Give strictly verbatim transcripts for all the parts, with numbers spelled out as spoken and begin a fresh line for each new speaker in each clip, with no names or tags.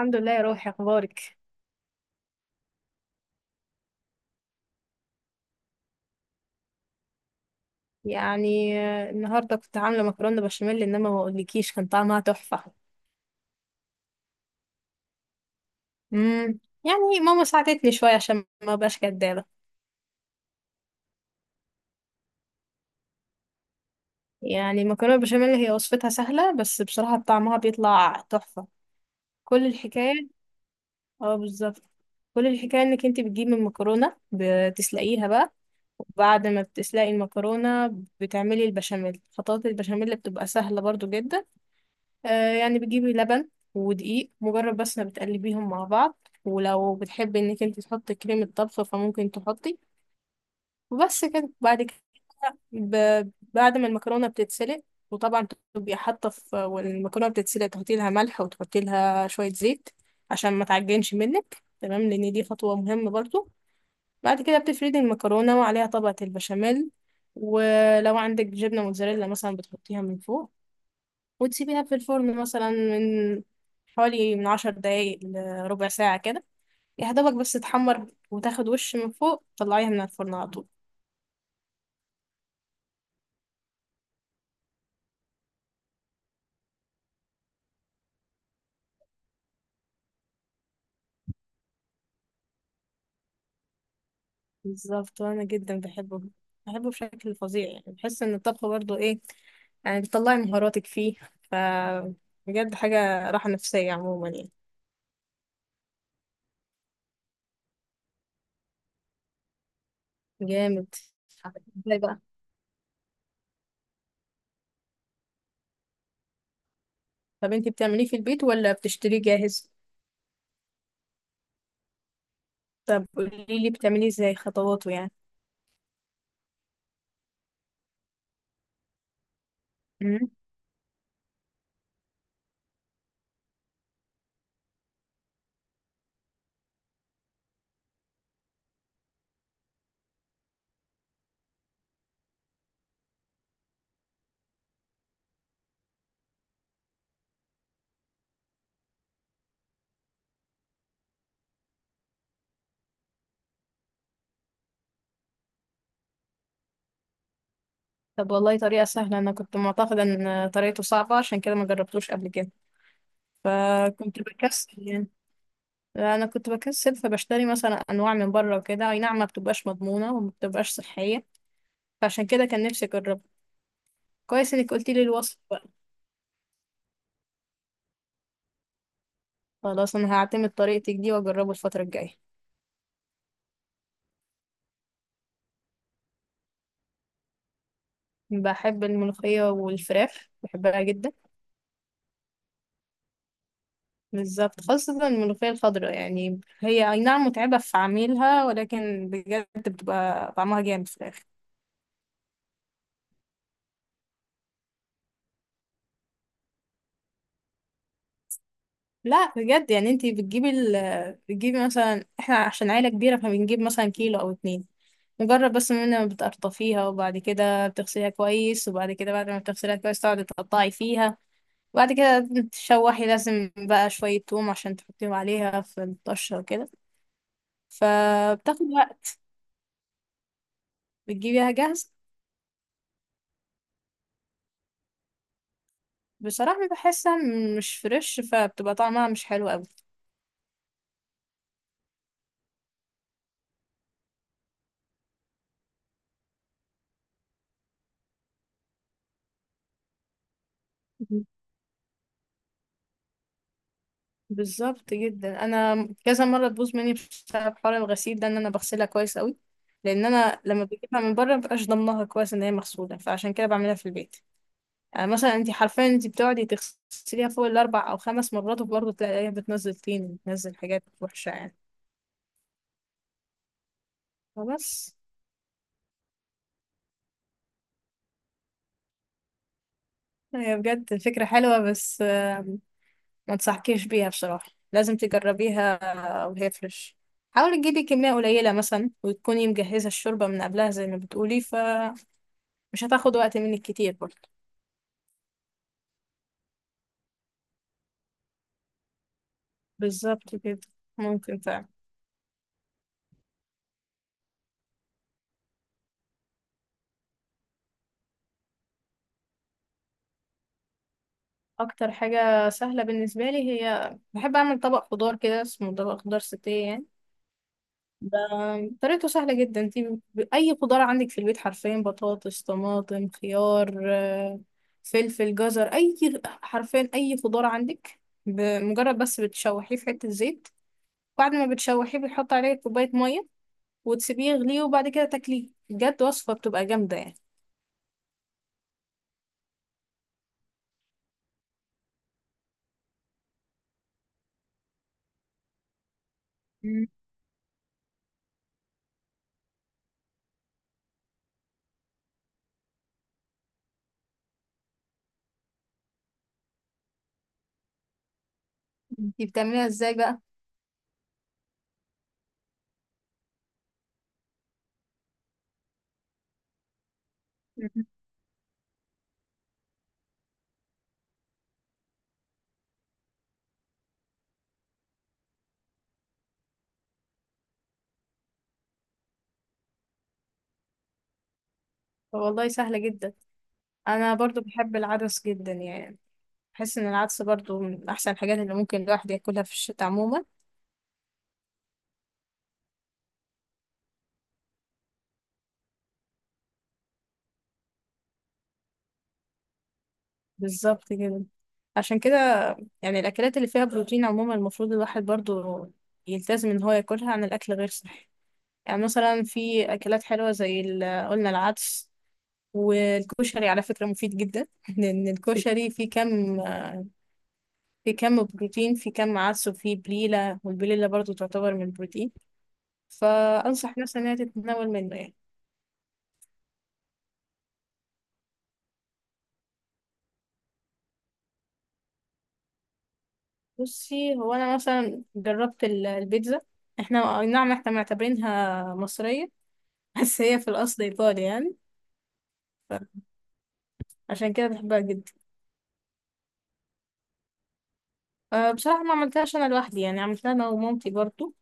الحمد لله يا روحي، اخبارك؟ يعني آه، النهارده كنت عامله مكرونه بشاميل، انما ما اقولكيش كان طعمها تحفه. امم. يعني ماما ساعدتني شويه عشان ما ابقاش كدابه. يعني المكرونه بشاميل هي وصفتها سهله، بس بصراحه طعمها بيطلع تحفه. كل الحكايه. اه، بالظبط. كل الحكايه انك انت بتجيبي المكرونه بتسلقيها بقى. وبعد ما بتسلقي المكرونه، بتعملي البشاميل. خطوات البشاميل بتبقى سهله برضو جدا. آه يعني بتجيبي لبن ودقيق، مجرد بس ما بتقلبيهم مع بعض. ولو بتحبي انك انت تحطي كريمة طبخ فممكن تحطي، وبس كده. بعد كده ب... بعد ما المكرونة بتتسلق، وطبعا تبقي حاطة في والمكرونة بتتسلق، تحطي لها ملح وتحطي لها شوية زيت عشان ما تعجنش منك، تمام، لان دي خطوة مهمة برضو. بعد كده بتفردي المكرونة وعليها طبقة البشاميل. ولو عندك جبنة موتزاريلا مثلا بتحطيها من فوق، وتسيبيها في الفرن مثلا من حوالي من عشر دقايق لربع ساعة كده، يا دوبك بس تحمر وتاخد وش من فوق، طلعيها من الفرن على طول. بالظبط، وأنا جدا بحبه. بحبه بشكل فظيع، يعني بحس إن الطبخ برضه إيه، يعني بتطلعي مهاراتك فيه. ف بجد حاجة راحة نفسية عموما يعني. جامد. ازاي بقى؟ طب انتي بتعمليه في البيت ولا بتشتريه جاهز؟ طب قوليلي بتعمليه ازاي، خطواته يعني؟ مم. طب والله طريقة سهلة. انا كنت معتقدة ان طريقته صعبة، عشان كده ما جربتوش قبل كده، فكنت بكسل يعني. انا كنت بكسل فبشتري مثلا انواع من بره وكده. اي نعم، ما بتبقاش مضمونه وما بتبقاش صحيه، فعشان كده كان نفسي اجربها. كويس انك قلتي لي الوصف بقى. خلاص، انا هعتمد طريقتك دي واجربه الفتره الجايه. بحب الملوخيه والفراخ، بحبها جدا. بالظبط، خاصة الملوخية الخضراء. يعني هي أي نعم متعبة في عميلها، ولكن بجد بتبقى طعمها جامد في الآخر. لا بجد، يعني انتي بتجيبي ال بتجيبي مثلا. احنا عشان عيلة كبيرة فبنجيب مثلا كيلو او اتنين. مجرد بس من ما بتقرطفيها، وبعد كده بتغسليها كويس، وبعد كده بعد ما بتغسليها كويس تقعدي تقطعي فيها. وبعد كده تشوحي، لازم بقى شوية توم عشان تحطيهم عليها في الطشة وكده. فبتاخد وقت. بتجيبيها جاهزة؟ بصراحة بحسها مش فريش، فبتبقى طعمها مش حلو أوي. بالظبط جدا. انا كذا مره تبوظ مني بسبب حوار الغسيل ده، ان انا بغسلها كويس قوي، لان انا لما بجيبها من بره مبقاش ضمنها كويس ان هي مغسوله، فعشان كده بعملها في البيت. يعني مثلا انت حرفيا انت بتقعدي تغسليها فوق الاربع او خمس مرات، وبرضه تلاقيها بتنزل طين وبتنزل حاجات وحشه يعني. فبس. هي بجد فكره حلوه، بس آه، ما انصحكيش بيها بصراحه. لازم تجربيها آه، وهي فريش. حاولي تجيبي كميه قليله مثلا، وتكوني مجهزه الشوربه من قبلها زي ما بتقولي. ف مش هتاخد وقت منك كتير برضه. بالظبط كده، ممكن فعلا. اكتر حاجة سهلة بالنسبة لي، هي بحب اعمل طبق خضار كده اسمه طبق خضار ستيه يعني. ده طريقته سهلة جدا. انتي ب- اي خضار عندك في البيت، حرفيا: بطاطس، طماطم، خيار، آه، فلفل، جزر، اي، حرفيا اي خضار عندك. بمجرد بس بتشوحيه في حتة زيت، بعد ما بتشوحيه بتحط عليه كوباية مية وتسيبيه يغليه، وبعد كده تاكليه. بجد وصفة بتبقى جامدة يعني. مم. انتي بتعمليها ازاي بقى؟ مم. والله سهلة جدا. أنا برضو بحب العدس جدا يعني. بحس إن العدس برضو من أحسن الحاجات اللي ممكن الواحد ياكلها في الشتاء عموما. بالظبط كده. عشان كده، يعني الأكلات اللي فيها بروتين عموما، المفروض الواحد برضو يلتزم إن هو ياكلها عن الأكل غير صحي. يعني مثلا في أكلات حلوة زي ال- قلنا العدس. والكشري على فكرة مفيد جدا. لأن الكشري فيه كم في كم بروتين، في كم عدس، وفيه بليلة، والبليلة برضو تعتبر من البروتين. فأنصح مثلا إنها تتناول منه يعني. بصي، هو أنا مثلا جربت ال- البيتزا. احنا أي نعم احنا معتبرينها مصرية. بس هي في الأصل إيطالي يعني. عشان كده بحبها جدا. أه، بصراحة ما عملتهاش أنا لوحدي يعني. عملتها أنا ومامتي برضو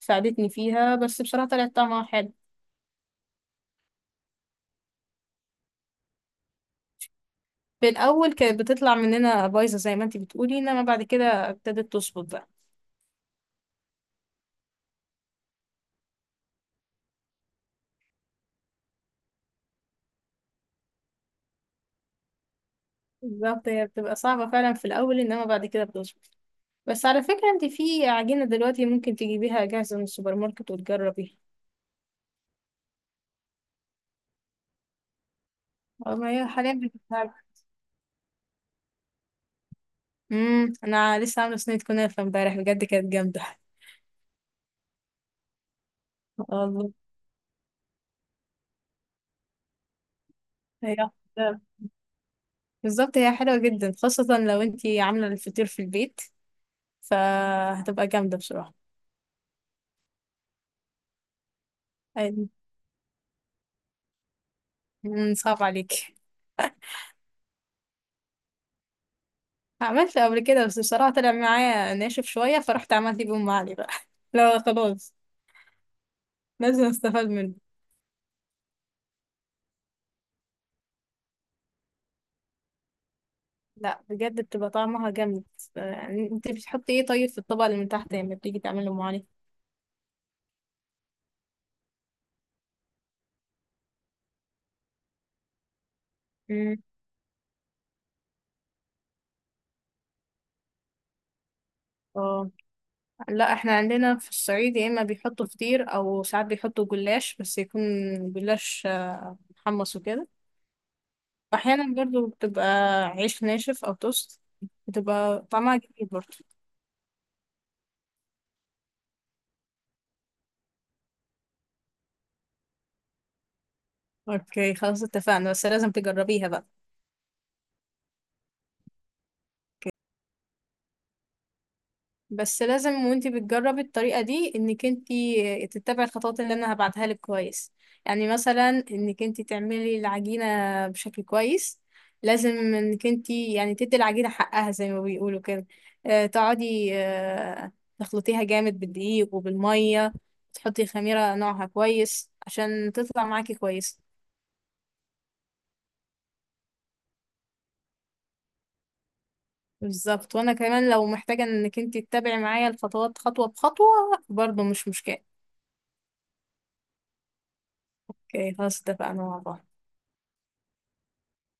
ساعدتني فيها، بس بصراحة طلعت طعمها حلو. في الأول كانت بتطلع مننا بايظة زي ما انتي بتقولي، إنما بعد كده ابتدت تظبط بقى. بالظبط، هي بتبقى صعبة فعلا في الأول، إنما بعد كده بتظبط. بس على فكرة، انت في عجينة دلوقتي ممكن تجيبيها جاهزة من السوبر ماركت وتجربيها. اه، ما هي حاليا بتتعب. امم انا لسه عاملة صينية كنافة امبارح، بجد كانت جامدة. الله. هي بالظبط، هي حلوة جدا، خاصة لو انت عاملة الفطير في البيت فهتبقى جامدة بصراحة. أي- مم، صعب عليك. عملت قبل كده، بس بصراحة طلع معايا ناشف شوية، فرحت عملت بأم علي بقى. لا خلاص، لازم استفاد منه. لا بجد، بتبقى طعمها جامد. آه، يعني انت بتحطي ايه طيب في الطبق اللي من تحت لما بتيجي تعملي ام علي؟ مم. اه لا، احنا عندنا في الصعيد يا اما بيحطوا فطير، او ساعات بيحطوا جلاش، بس يكون جلاش آه، محمص وكده. واحيانا برضو بتبقى عيش ناشف او توست، بتبقى طعمها جميل برضو. اوكي، خلاص اتفقنا، بس لازم تجربيها بقى. بس لازم وانتي بتجربي الطريقة دي، انك انتي تتبعي الخطوات اللي انا هبعتها لك كويس. يعني مثلا انك انتي تعملي العجينة بشكل كويس. لازم انك انتي يعني تدي العجينة حقها زي ما بيقولوا كده. اه تقعدي اه تخلطيها جامد بالدقيق وبالمية، تحطي خميرة نوعها كويس عشان تطلع معاكي كويس. بالظبط. وانا كمان لو محتاجة انك انتي تتبعي معايا الخطوات خطوة بخطوة، برضه مش مشكلة. اوكي، خلاص اتفقنا مع بعض.